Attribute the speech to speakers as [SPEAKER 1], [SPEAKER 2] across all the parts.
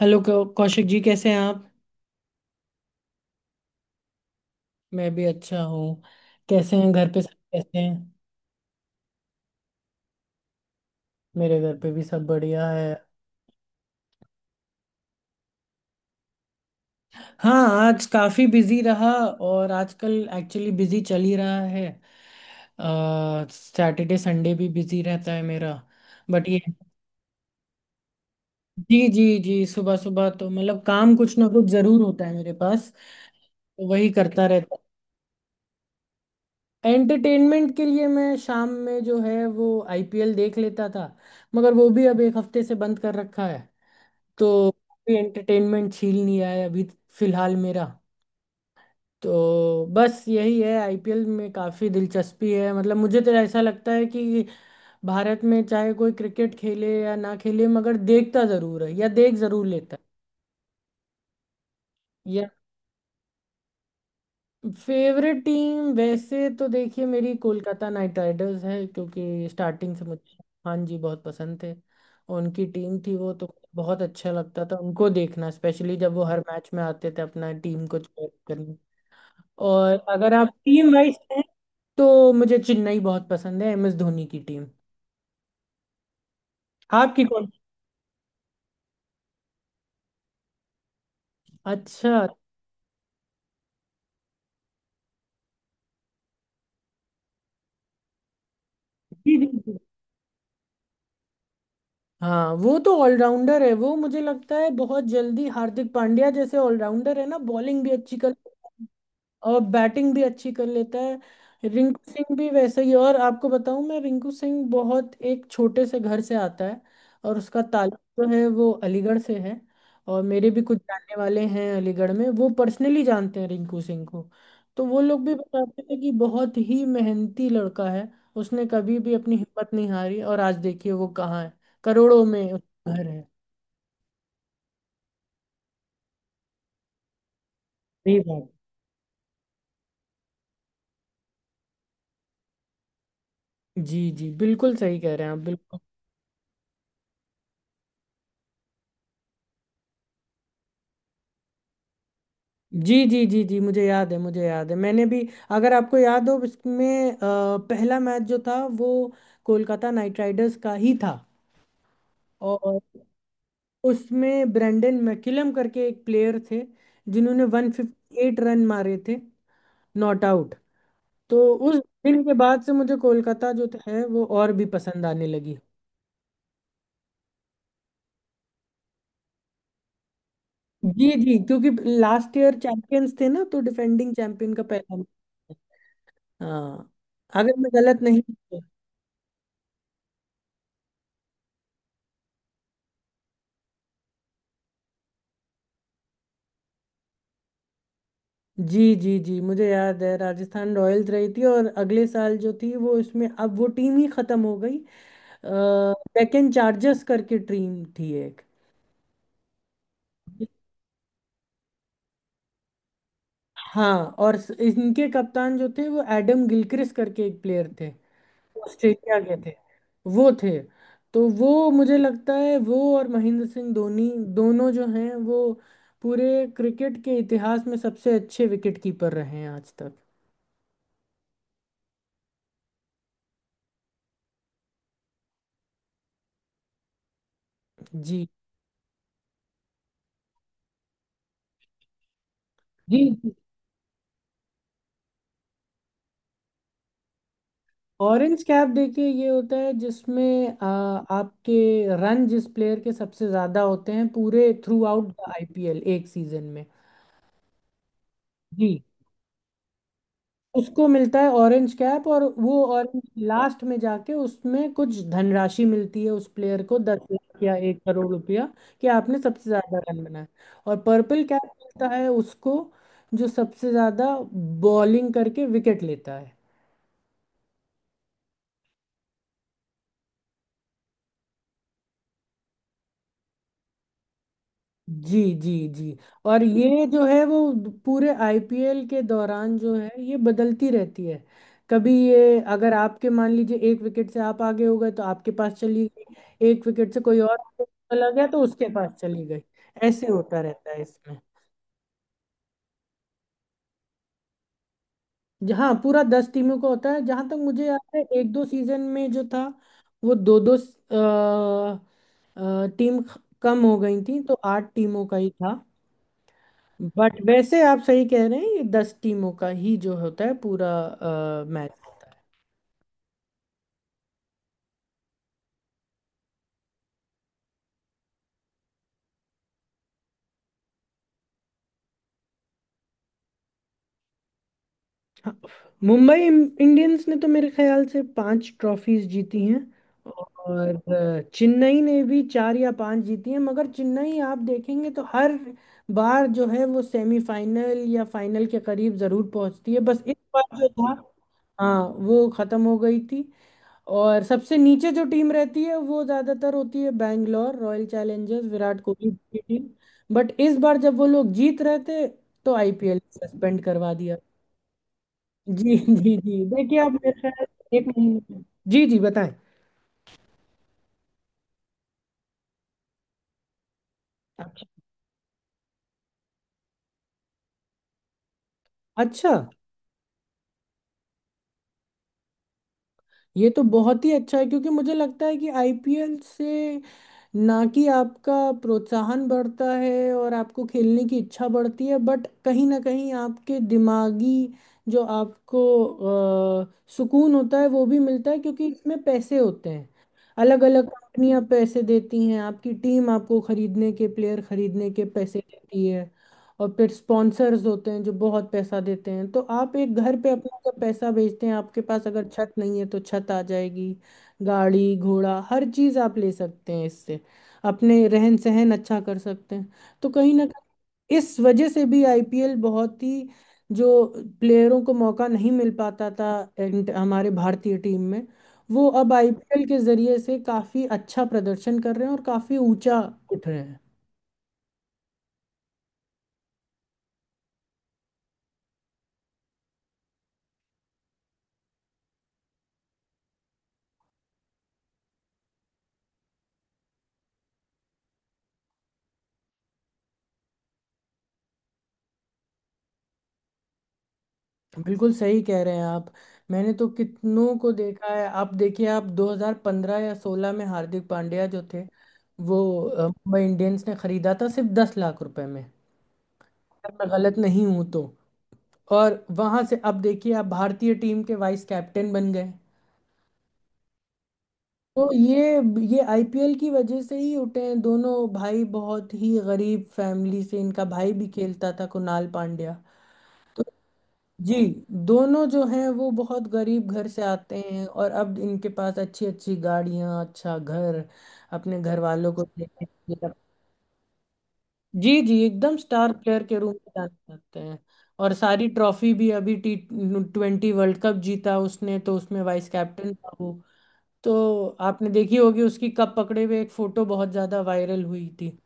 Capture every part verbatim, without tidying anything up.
[SPEAKER 1] Hello कौ- कौशिक जी कैसे हैं आप। मैं भी अच्छा हूँ। कैसे हैं, घर पे सब कैसे हैं। मेरे घर पे भी सब बढ़िया है। हाँ आज काफ़ी बिजी रहा और आजकल एक्चुअली बिजी चल ही रहा है। आ, सैटरडे संडे भी बिजी रहता है मेरा, बट ये। जी जी जी, सुबह सुबह तो मतलब काम कुछ ना कुछ ज़रूर होता है मेरे पास, तो वही करता रहता है। एंटरटेनमेंट के लिए मैं शाम में जो है वो आईपीएल देख लेता था, मगर वो भी अब एक हफ्ते से बंद कर रखा है तो काफी एंटरटेनमेंट छील लिया है अभी। फिलहाल मेरा तो बस यही है, आईपीएल में काफी दिलचस्पी है। मतलब मुझे तो ऐसा लगता है कि भारत में चाहे कोई क्रिकेट खेले या ना खेले मगर देखता जरूर है या देख जरूर लेता है, या फेवरेट टीम वैसे तो देखिए मेरी कोलकाता नाइट राइडर्स है क्योंकि स्टार्टिंग से मुझे खान जी बहुत पसंद थे। उनकी टीम थी वो, तो बहुत अच्छा लगता था उनको देखना, स्पेशली जब वो हर मैच में आते थे अपना टीम को cheer करने। और अगर आप टीम वाइज हैं तो मुझे चेन्नई बहुत पसंद है, एम एस धोनी की टीम। आपकी कौन। अच्छा। जी जी जी। हाँ, वो तो ऑलराउंडर है, वो मुझे लगता है बहुत जल्दी हार्दिक पांड्या जैसे ऑलराउंडर है ना, बॉलिंग भी अच्छी कर और बैटिंग भी अच्छी कर लेता है रिंकू सिंह भी वैसे ही। और आपको बताऊं मैं, रिंकू सिंह बहुत एक छोटे से घर से आता है और उसका ताल्लुक जो है वो अलीगढ़ से है। और मेरे भी कुछ जानने वाले हैं अलीगढ़ में, वो पर्सनली जानते हैं रिंकू सिंह को। तो वो लोग भी बताते थे कि बहुत ही मेहनती लड़का है। उसने कभी भी अपनी हिम्मत नहीं हारी और आज देखिए वो कहाँ है, करोड़ों में उसका घर है। सही बात। जी जी बिल्कुल सही कह रहे हैं आप, बिल्कुल। जी जी जी जी, मुझे याद है, मुझे याद है, मैंने भी, अगर आपको याद हो इसमें अ, पहला मैच जो था वो कोलकाता नाइट राइडर्स का ही था। और उसमें ब्रेंडन मैकुलम करके एक प्लेयर थे जिन्होंने एक सौ अट्ठावन रन मारे थे, नॉट आउट। तो उस दिन के बाद से मुझे कोलकाता जो है वो और भी पसंद आने लगी। जी जी, क्योंकि लास्ट ईयर चैंपियंस थे ना तो डिफेंडिंग चैंपियन का पहला मैच था। हाँ, अगर मैं गलत नहीं। जी जी जी मुझे याद है, राजस्थान रॉयल्स रही थी, और अगले साल जो थी वो इसमें अब वो टीम ही खत्म हो गई, डेक्कन चार्जर्स करके टीम थी एक। हाँ, और स- इनके कप्तान जो थे वो एडम गिलक्रिस्ट करके एक प्लेयर थे, ऑस्ट्रेलिया के थे वो थे। तो वो मुझे लगता है वो और महेंद्र सिंह धोनी दोनों जो हैं वो पूरे क्रिकेट के इतिहास में सबसे अच्छे विकेट कीपर रहे हैं आज तक। जी जी। ऑरेंज कैप देखिए ये होता है जिसमें आ, आपके रन जिस प्लेयर के सबसे ज्यादा होते हैं पूरे थ्रू आउट द आईपीएल एक सीजन में। जी। उसको मिलता है ऑरेंज कैप, और वो ऑरेंज लास्ट में जाके उसमें कुछ धनराशि मिलती है उस प्लेयर को, दस लाख या एक करोड़ रुपया कि आपने सबसे ज्यादा रन बनाए। और पर्पल कैप मिलता है उसको जो सबसे ज्यादा बॉलिंग करके विकेट लेता है। जी जी जी। और ये जो है वो पूरे आईपीएल के दौरान जो है ये बदलती रहती है। कभी ये अगर आपके, मान लीजिए, एक विकेट से आप आगे हो गए तो आपके पास चली गई, एक विकेट से कोई और आगे चला गया तो उसके पास चली गई। ऐसे होता रहता है इसमें। जहाँ पूरा दस टीमों का होता है, जहाँ तक मुझे याद है एक दो सीजन में जो था वो दो दो टीम कम हो गई थी तो आठ टीमों का ही था। बट वैसे आप सही कह रहे हैं, ये दस टीमों का ही जो होता है पूरा मैच। हाँ, मुंबई इंडियंस ने तो मेरे ख्याल से पांच ट्रॉफीज जीती हैं, और अ, चेन्नई ने भी चार या पांच जीती हैं, मगर चेन्नई आप देखेंगे तो हर बार जो है वो सेमीफाइनल या फाइनल के करीब जरूर पहुंचती है, बस इस बार जो था। हाँ, वो खत्म हो गई थी। और सबसे नीचे जो टीम रहती है वो ज्यादातर होती है बैंगलोर रॉयल चैलेंजर्स, विराट कोहली की टीम। बट इस बार जब वो लोग जीत रहे थे तो आईपीएल सस्पेंड करवा दिया। जी जी जी देखिए आप, मेरे ख्याल से एक महीने। जी जी बताएं। अच्छा अच्छा, ये तो बहुत ही अच्छा है क्योंकि मुझे लगता है कि आईपीएल से ना कि आपका प्रोत्साहन बढ़ता है और आपको खेलने की इच्छा बढ़ती है, बट कहीं ना कहीं आपके दिमागी जो आपको अ, सुकून होता है वो भी मिलता है क्योंकि इसमें पैसे होते हैं। अलग अलग कंपनियां पैसे देती हैं, आपकी टीम आपको खरीदने के, प्लेयर खरीदने के पैसे देती है, और फिर स्पॉन्सर्स होते हैं जो बहुत पैसा देते हैं। तो आप एक घर पे अपना का पैसा भेजते हैं, आपके पास अगर छत नहीं है तो छत आ जाएगी, गाड़ी घोड़ा हर चीज आप ले सकते हैं इससे, अपने रहन सहन अच्छा कर सकते हैं। तो कहीं ना कहीं इस वजह से भी आईपीएल बहुत ही, जो प्लेयरों को मौका नहीं मिल पाता था and हमारे भारतीय टीम में, वो अब आईपीएल के जरिए से काफी अच्छा प्रदर्शन कर रहे हैं और काफी ऊंचा उठ रहे हैं। बिल्कुल सही कह रहे हैं आप। मैंने तो कितनों को देखा है, आप देखिए आप दो हज़ार पंद्रह या सोलह में हार्दिक पांड्या जो थे वो अ, मुंबई इंडियंस ने खरीदा था सिर्फ दस लाख रुपए में, अगर मैं गलत नहीं हूं तो। और वहां से अब देखिए आप भारतीय टीम के वाइस कैप्टन बन गए। तो ये ये आईपीएल की वजह से ही उठे हैं दोनों भाई, बहुत ही गरीब फैमिली से। इनका भाई भी खेलता था, कुणाल पांड्या। जी, दोनों जो हैं वो बहुत गरीब घर से आते हैं, और अब इनके पास अच्छी अच्छी गाड़ियां, अच्छा घर, अपने घर वालों को देखने के लिए। जी जी एकदम स्टार प्लेयर के रूप में जाने जाते हैं। और सारी ट्रॉफी भी, अभी टी ट्वेंटी वर्ल्ड कप जीता उसने तो उसमें वाइस कैप्टन था वो। तो आपने देखी होगी उसकी कप पकड़े हुए एक फोटो, बहुत ज्यादा वायरल हुई थी।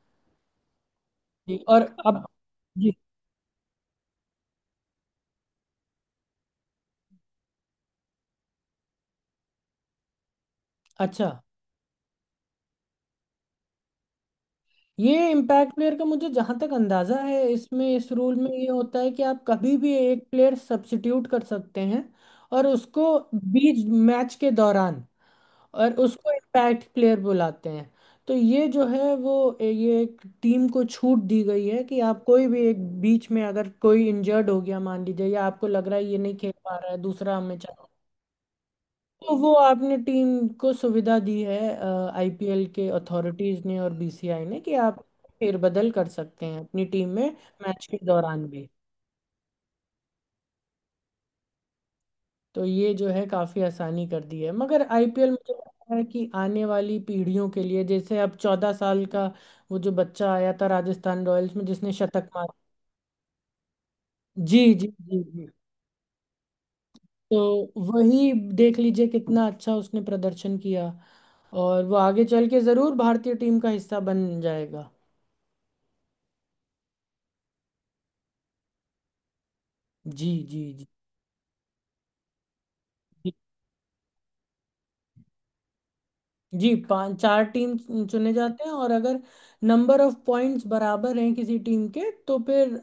[SPEAKER 1] जी, और अब। जी। अच्छा। ये इम्पैक्ट प्लेयर का मुझे जहां तक अंदाजा है, इसमें, इस रूल में ये होता है कि आप कभी भी एक प्लेयर सब्स्टिट्यूट कर सकते हैं, और उसको बीच मैच के दौरान, और उसको इम्पैक्ट प्लेयर बुलाते हैं। तो ये जो है वो, ये एक टीम को छूट दी गई है कि आप कोई भी एक, बीच में अगर कोई इंजर्ड हो गया मान लीजिए, या आपको लग रहा है ये नहीं खेल पा रहा है दूसरा हमें चाहिए, तो वो आपने टीम को सुविधा दी है आईपीएल के अथॉरिटीज ने और बीसीआई ने, कि आप फेरबदल कर सकते हैं अपनी टीम में मैच के दौरान भी। तो ये जो है काफी आसानी कर दी है। मगर आईपीएल मुझे लगता है कि आने वाली पीढ़ियों के लिए, जैसे अब चौदह साल का वो जो बच्चा आया था राजस्थान रॉयल्स में जिसने शतक मारा, जी जी जी जी, तो वही देख लीजिए कितना अच्छा उसने प्रदर्शन किया और वो आगे चल के जरूर भारतीय टीम का हिस्सा बन जाएगा। जी जी जी जी पांच चार टीम चुने जाते हैं, और अगर नंबर ऑफ पॉइंट्स बराबर हैं किसी टीम के तो फिर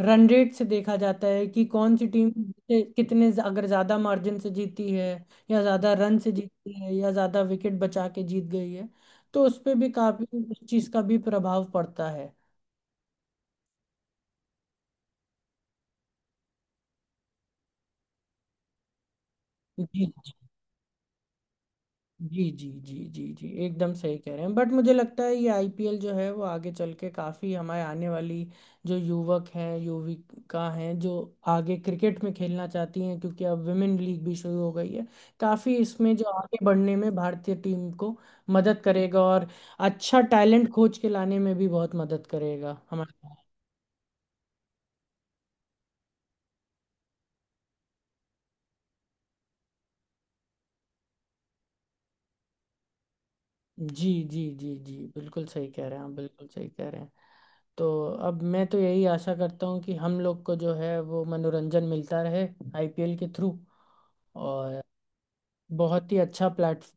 [SPEAKER 1] रन रेट से देखा जाता है कि कौन सी टीम कितने ज- अगर ज़्यादा मार्जिन से जीती है, या ज़्यादा रन से जीती है, या ज़्यादा विकेट बचा के जीत गई है, तो उस पे भी काफ़ी उस चीज़ का भी प्रभाव पड़ता है। जी जी जी जी जी जी एकदम सही कह रहे हैं। बट मुझे लगता है ये आईपीएल जो है वो आगे चल के काफ़ी हमारे आने वाली जो युवक हैं, युविका हैं, जो आगे क्रिकेट में खेलना चाहती हैं क्योंकि अब विमेन लीग भी शुरू हो गई है, काफ़ी इसमें जो आगे बढ़ने में भारतीय टीम को मदद करेगा, और अच्छा टैलेंट खोज के लाने में भी बहुत मदद करेगा हमारे। जी जी जी जी बिल्कुल सही कह रहे हैं आप, बिल्कुल सही कह रहे हैं। तो अब मैं तो यही आशा करता हूँ कि हम लोग को जो है वो मनोरंजन मिलता रहे आईपीएल के थ्रू, और बहुत ही अच्छा प्लेटफॉर्म।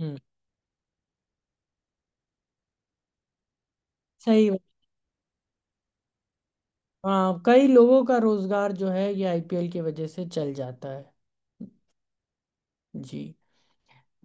[SPEAKER 1] हम्म, सही बात। हाँ कई लोगों का रोजगार जो है ये आईपीएल की वजह से चल जाता है। जी